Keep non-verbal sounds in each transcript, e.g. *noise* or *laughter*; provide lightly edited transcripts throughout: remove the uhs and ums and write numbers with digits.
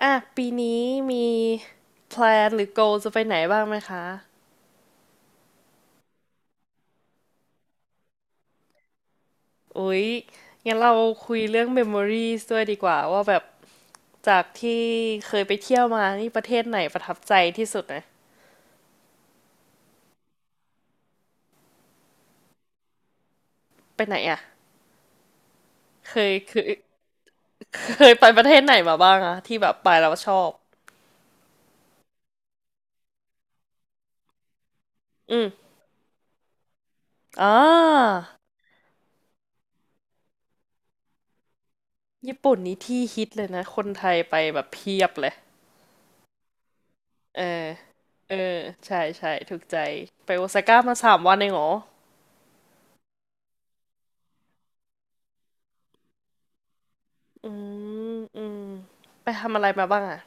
อ่ะปีนี้มีแพลนหรือ goal จะไปไหนบ้างไหมคะอุ๊ยงั้นเราคุยเรื่อง memories ด้วยดีกว่าว่าแบบจากที่เคยไปเที่ยวมานี่ประเทศไหนประทับใจที่สุดนะไปไหนอ่ะเคยเคยไปประเทศไหนมาบ้างอะที่แบบไปแล้วชอบอืมอ่าญี่ปุ่นนี่ที่ฮิตเลยนะคนไทยไปแบบเพียบเลยเออเออใช่ใช่ถูกใจไปโอซาก้ามาสามวันเองเหรอ อืมอืมไปทำอะไรมาบ้างอ่ะ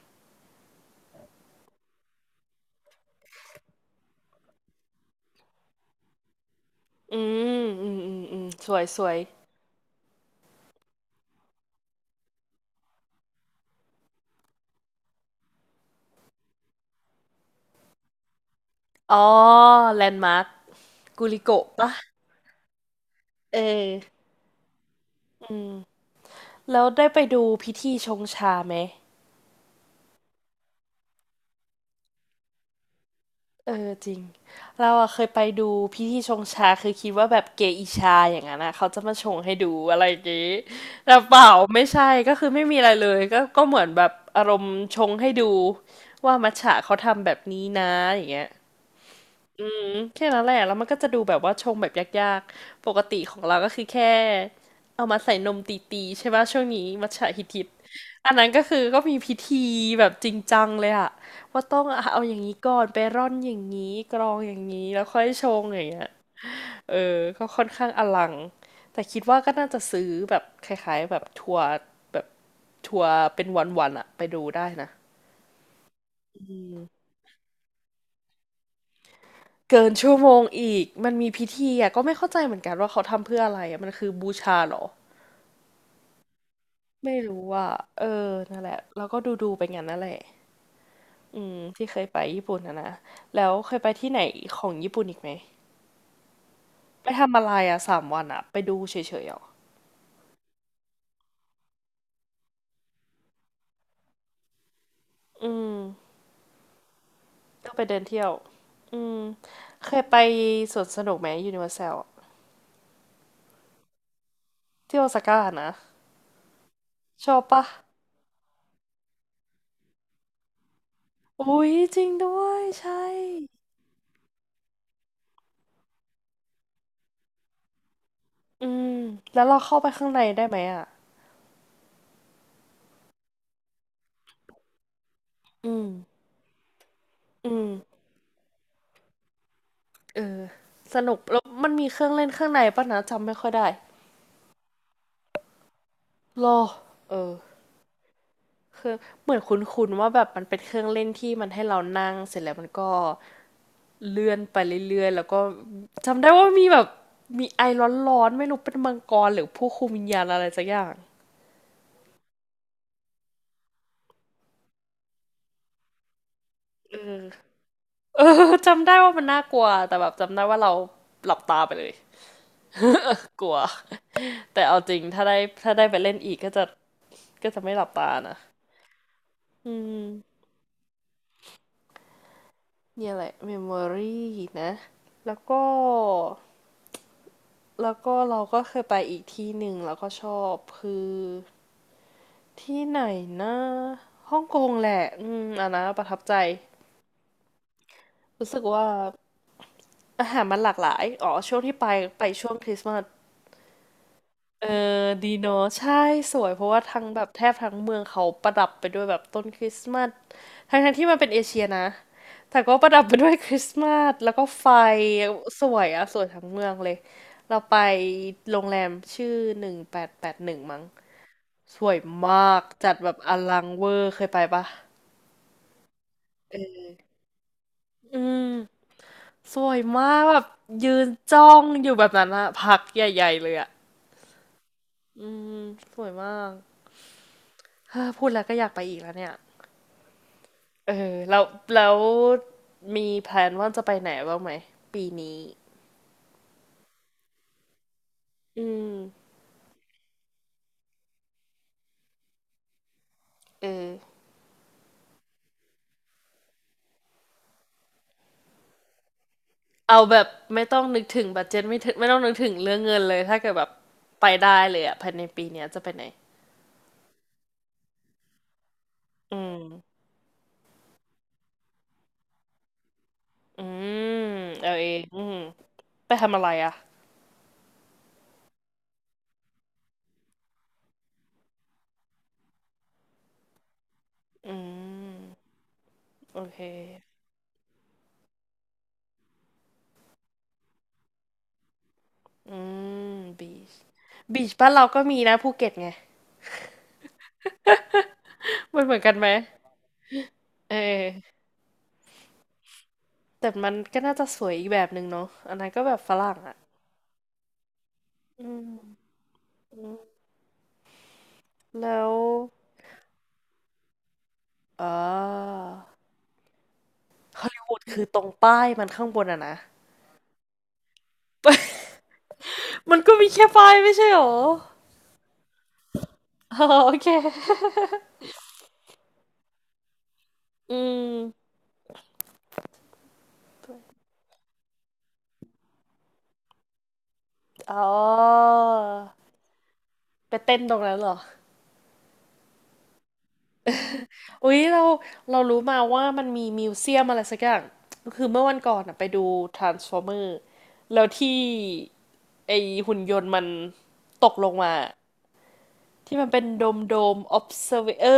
อืมอืมอืมอืมสวยสวยอ๋อแลนด์มาร์คกูลิโกะปะเออแล้วได้ไปดูพิธีชงชาไหมเออจริงเราอะเคยไปดูพิธีชงชาคือคิดว่าแบบเกอิชาอย่างนั้นนะเขาจะมาชงให้ดูอะไรอย่างงี้แต่เปล่าไม่ใช่ก็คือไม่มีอะไรเลยก็เหมือนแบบอารมณ์ชงให้ดูว่ามัทฉะเขาทำแบบนี้นะอย่างเงี้ย แค่นั้นแหละ แล้วมันก็จะดูแบบว่าชงแบบยากๆ ปกติของเราก็คือแค่เอามาใส่นมตีๆใช่ป่ะช่วงนี้มัทฉะฮิตๆอันนั้นก็คือก็มีพิธีแบบจริงจังเลยอะว่าต้องเอาอย่างนี้ก่อนไปร่อนอย่างนี้กรองอย่างนี้แล้วค่อยชงอย่างเงี้ยเออก็ค่อนข้างอลังแต่คิดว่าก็น่าจะซื้อแบบคล้ายๆแบบทัวร์แบบทัวร์เป็นวันๆอะไปดูได้นะเกินชั่วโมงอีกมันมีพิธีอะก็ไม่เข้าใจเหมือนกันว่าเขาทำเพื่ออะไรอะมันคือบูชาเหรอ ไม่รู้ว่ะเออนั่นแหละแล้วก็ดูดูไปงั้นนั่นแหละอืมที่เคยไปญี่ปุ่นนะนะแล้วเคยไปที่ไหนของญี่ปุ่นอีกไหมไปทำอะไรอ่ะสามวันอ่ะไปดูเฉยๆอ่ะอืมก็ไปเดินเที่ยวอืมเคยไปสวนสนุกไหมยูนิเวอร์แซลที่โอซาก้านะชอบปะอุ๊ยจริงด้วยใช่อืมแล้วเราเข้าไปข้างในได้ไหมอ่ะอืมอืมเออสนุกแล้วมันมีเครื่องเล่นข้างในปะนะจำไม่ค่อยได้รอเออ คือเหมือนคุ้นๆว่าแบบมันเป็นเครื่องเล่นที่มันให้เรานั่งเสร็จแล้วมันก็เลื่อนไปเรื่อยๆแล้วก็จำได้ว่ามีแบบมีไอร้อนๆไม่รู้เป็นมังกรหรือผู้คุมวิญญาณอะไรสักอย่างเออเออ *laughs* จำได้ว่ามันน่ากลัวแต่แบบจำได้ว่าเราหลับตาไปเลยกลัว *laughs* แต่เอาจริงถ้าได้ไปเล่นอีกก็จะไม่หลับตานะอืมเนี่ยแหละเมมโมรีนะแล้วก็แล้วก็เราก็เคยไปอีกที่หนึ่งแล้วก็ชอบคือ ที่ไหนนะฮ่องกงแหละอืมอันนะประทับใจรู้สึกว่าอาหารมันหลากหลายอ๋อช่วงที่ไปไปช่วงคริสต์มาสเออดีเนอะใช่สวยเพราะว่าทั้งแบบแทบทั้งเมืองเขาประดับไปด้วยแบบต้นคริสต์มาสทั้งที่มันเป็นเอเชียนะแต่ก็ประดับไปด้วยคริสต์มาสแล้วก็ไฟสวยอะสวยทั้งเมืองเลยเราไปโรงแรมชื่อหนึ่งแปดแปดหนึ่งมั้งสวยมากจัดแบบอลังเวอร์เคยไปปะเอออืม สวยมากแบบยืนจ้องอยู่แบบนั้นอะพักใหญ่ๆเลยอะอืมสวยมากเฮ้อพูดแล้วก็อยากไปอีกแล้วเนี่ยเออแล้วแล้วมีแพลนว่าจะไปไหนบ้างไหมปีนี้อืมเออเอาแบบไม่ต้องนึกถึงบัดเจ็ตไม่ถึงไม่ต้องนึกถึงเรื่องเงินเลยถ้าเกิดแบบไปได้เลยอะภายในปีเนี้ยจะไปไหนอืมอืมเอาเองอืมไปทำอะไรอะอืมโอเค อืมบีชบีชบ้านเราก็มีนะภูเก็ตไงมันเหมือนกันไหมเออแต่มันก็น่าจะสวยอีกแบบหนึ่งเนาะอันนั้นก็แบบฝรั่งอ่ะอืมแล้วเอ่าฮอลลีวูดคือตรงป้ายมันข้างบนอ่ะนะ *laughs* มันก็มีแค่ป้ายไม่ใช่หรออ๋อโอเคอืมอ๋อไปเต้นตรงนั้นเหรออุ๊ยเรารู้มาว่ามันมีมิวเซียมอะไรสักอย่างคือเมื่อวันก่อนอะไปดู Transformer แล้วที่ ไอหุ่นยนต์มันตกลงมาที่มันเป็นโดม observer เออ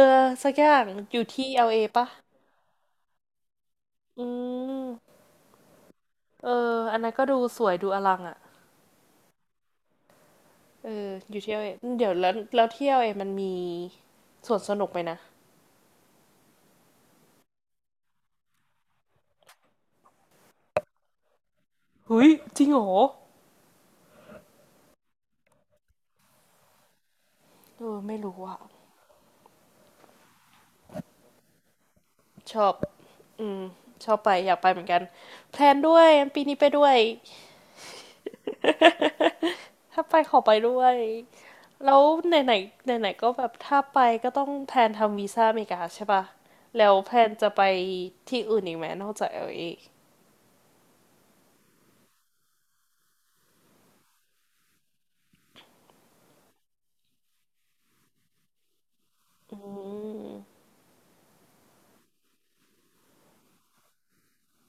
สักอย่างอยู่ที่ LA ปะอืมเอออันนั้นก็ดูสวยดูอลังอ่ะ เอออยู่ที่ LA เอเดี๋ยวแล้วแล้วที่ LA มันมีสวนสนุกไปนะหุยจริงเหรอเออไม่รู้อ่ะชอบ อืมชอบไปอยากไปเหมือนกันแพลนด้วยปีนี้ไปด้วยถ้าไปขอไปด้วย แล้วไหนๆไหนไหนๆก็แบบถ้าไปก็ต้องแพลนทำวีซ่าอเมริกาใช่ปะแล้วแพลนจะไปที่อื่นอีกไหมนอกจาก LA อลเออืม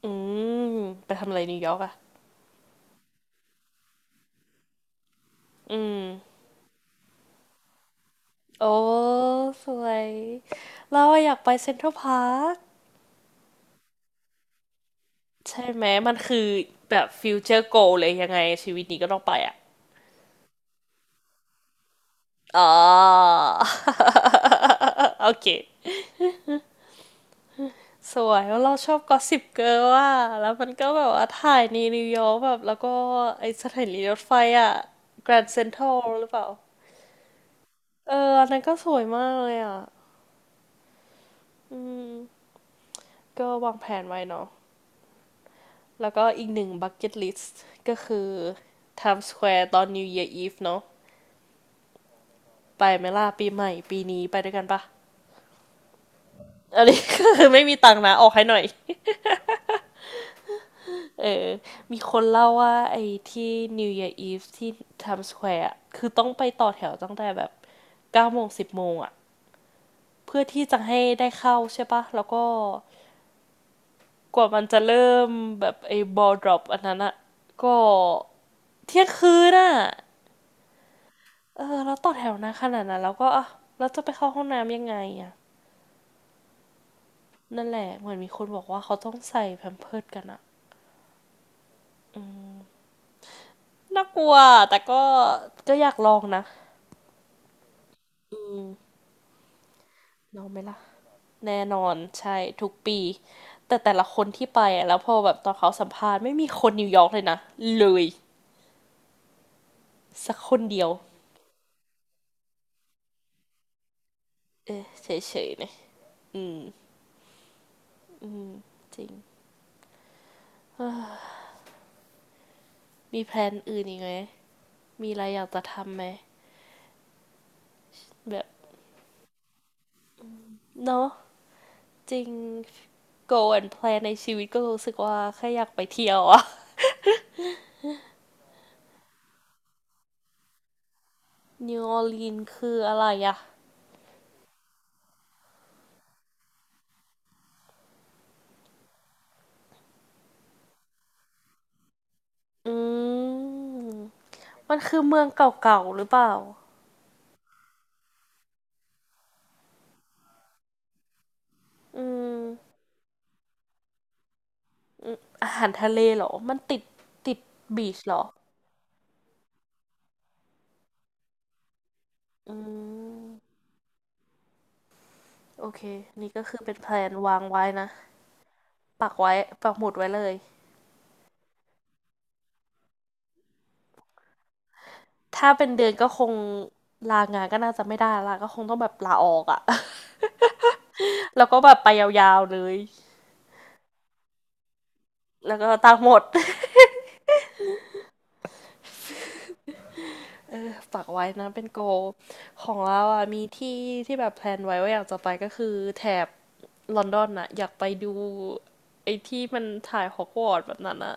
อืมไปทำอะไรนิวยอร์กอ่ะอืมโอ้สวยเราอะอยากไปเซ็นทรัลพาร์คใช่ไหมมันคือแบบฟิวเจอร์โกเลยยังไงชีวิตนี้ก็ต้องไปอ่ะอ๋อ *laughs* โอเค สวยแล้วเราชอบกอสซิปเกิร์ลอะแล้วมันก็แบบว่าถ่ายในนิวยอร์กแบบแล้วก็ไอสถานีรถไฟอะแกรนด์เซ็นทรัลหรือเปล่าเอออันนั้นก็สวยมากเลยอะอืมก็วางแผนไว้เนาะแล้วก็อีกหนึ่งบักเก็ตลิสต์ก็คือ Times Square ตอน New Year Eve เนาะไปไหมล่ะปีใหม่ปีนี้ไปด้วยกันปะอันนี้ *laughs* คือไม่มีตังค์นะออกให้หน่อย เออมีคนเล่าว่าไอ้ที่ New Year Eve ที่ Times Square อะคือต้องไปต่อแถวตั้งแต่แบบ9 โมง 10 โมงอะเพื่อที่จะให้ได้เข้าใช่ปะ แล้วก็กว่ามันจะเริ่มแบบไอ้ ball drop อันนั้นอะก็เที่ยงคืนอะเออแล้วต่อแถวนานขนาดนั้นแล้วก็อ่ะแล้วจะไปเข้าห้องน้ำยังไงอะนั่นแหละเหมือนมีคนบอกว่าเขาต้องใส่แพมเพิร์สกันอะน่ากลัวแต่ก็ก็อยากลองนะอืมลองไหมล่ะ แน่นอนใช่ทุกปีแต่ละคนที่ไปอะแล้วพอแบบตอนเขาสัมภาษณ์ไม่มีคนนิวยอร์กเลยนะเลยสักคนเดียวเออเฉยๆเนี่ยอืมจริงมีแพลนอื่นอีกไหมมีอะไรอยากจะทำไหมแบบเนาะจริง go and plan ในชีวิตก็รู้สึกว่าแค่อยากไปเที่ยวอะ *laughs* นิวออร์ลีนคืออะไรอะอืมมันคือเมืองเก่าๆหรือเปล่าอืมอาหารทะเลเหรอมันติดบีชเหรอ อืมโอเคนี่ก็คือเป็นแพลนวางไว้นะปักไว้ปักหมุดไว้เลยถ้าเป็นเดือนก็คงลางานก็น่าจะไม่ได้ละก็คงต้องแบบลาออกอะ *laughs* แล้วก็แบบไปยาวๆเลยแล้วก็ตังค์หมด *laughs* ฝากไว้นะเป็นโกลของเราอ่ะมีที่ที่แบบแพลนไว้ว่าอยากจะไปก็คือแถบลอนดอนอะอยากไปดูไอ้ที่มันถ่ายฮอกวอตส์แบบนั้นอะ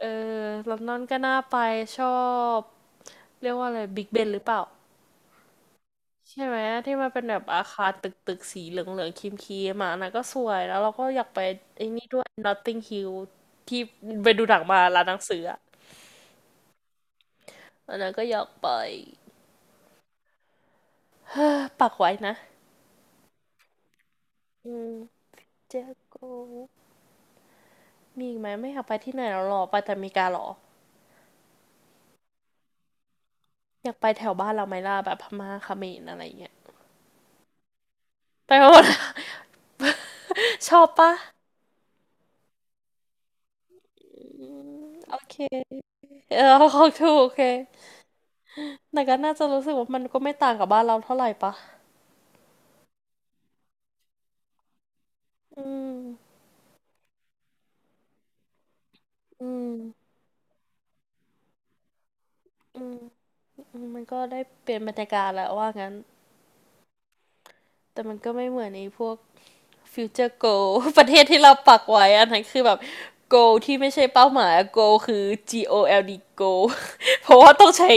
เออลอนดอนก็น่าไปชอบเรียกว่าอะไรบิ๊กเบนหรือเปล่า ใช่ไหมที่มันเป็นแบบอาคารตึกตึกสีเหลืองเหลืองครีมครีมๆอ่ะอันนะก็สวยแล้วเราก็อยากไปไอ้นี่ด้วย Notting Hill ที่ไปดูหนังมาร้านหนังสืออ่ะอันนั้นก็อยากไปปักไว้นะอืมเจโกมีอีกไหมไม่อยากไปที่ไหนแล้วหรอไปแต่อเมริกาหรออยากไปแถวบ้านเราไหมล่ะแบบพม่าเขมรอะไรเงี้ยไปหมด *laughs* ชอบปะอืมโอเคเออ *laughs* ของถูกโอเคแต่ก็น่าจะรู้สึกว่ามันก็ไม่ต่างกับบ้านเราเท่าไหร่ปะอืม อืมอืมอืมมันก็ได้เปลี่ยนบรรยากาศแหละว่างั้นแต่มันก็ไม่เหมือนไอ้พวกฟิวเจอร์โก *laughs* ประเทศที่เราปักไว้อันนั้นคือแบบโกที่ไม่ใช่เป้าหมายอะโกคือ GOLD Go *laughs* เพราะว่าต้องใช้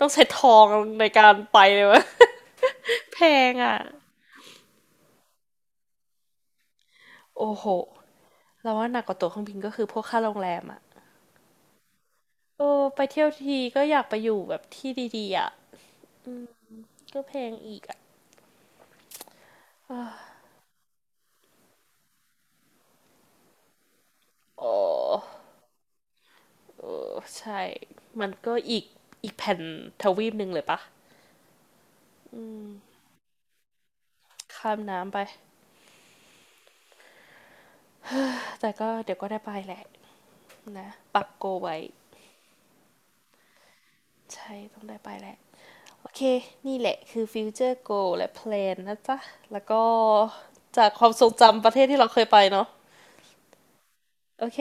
ต้องใช้ทองในการไปเลยวะ *laughs* แพงอ่ะ *laughs* โอ้โหเราว่าหนักกว่าตั๋วเครื่องบินก็คือพวกค่าโรงแรมอ่ะโอ้ไปเที่ยวทีก็อยากไปอยู่แบบที่ดีๆอ่ะก็แพงอีกอ่ะโอ้ เออใช่ มันก็อีกแผ่นทวีปหนึ่งเลยปะอืมข้ามน้ำไปแต่ก็เดี๋ยวก็ได้ไปแหละนะปักโกไว้ใช่ต้องได้ไปแหละโอเคนี่แหละคือฟิวเจอร์โกและแพลนนะจ๊ะแล้วก็จากความทรงจำประเทศที่เราเคยไปเนาะโอเค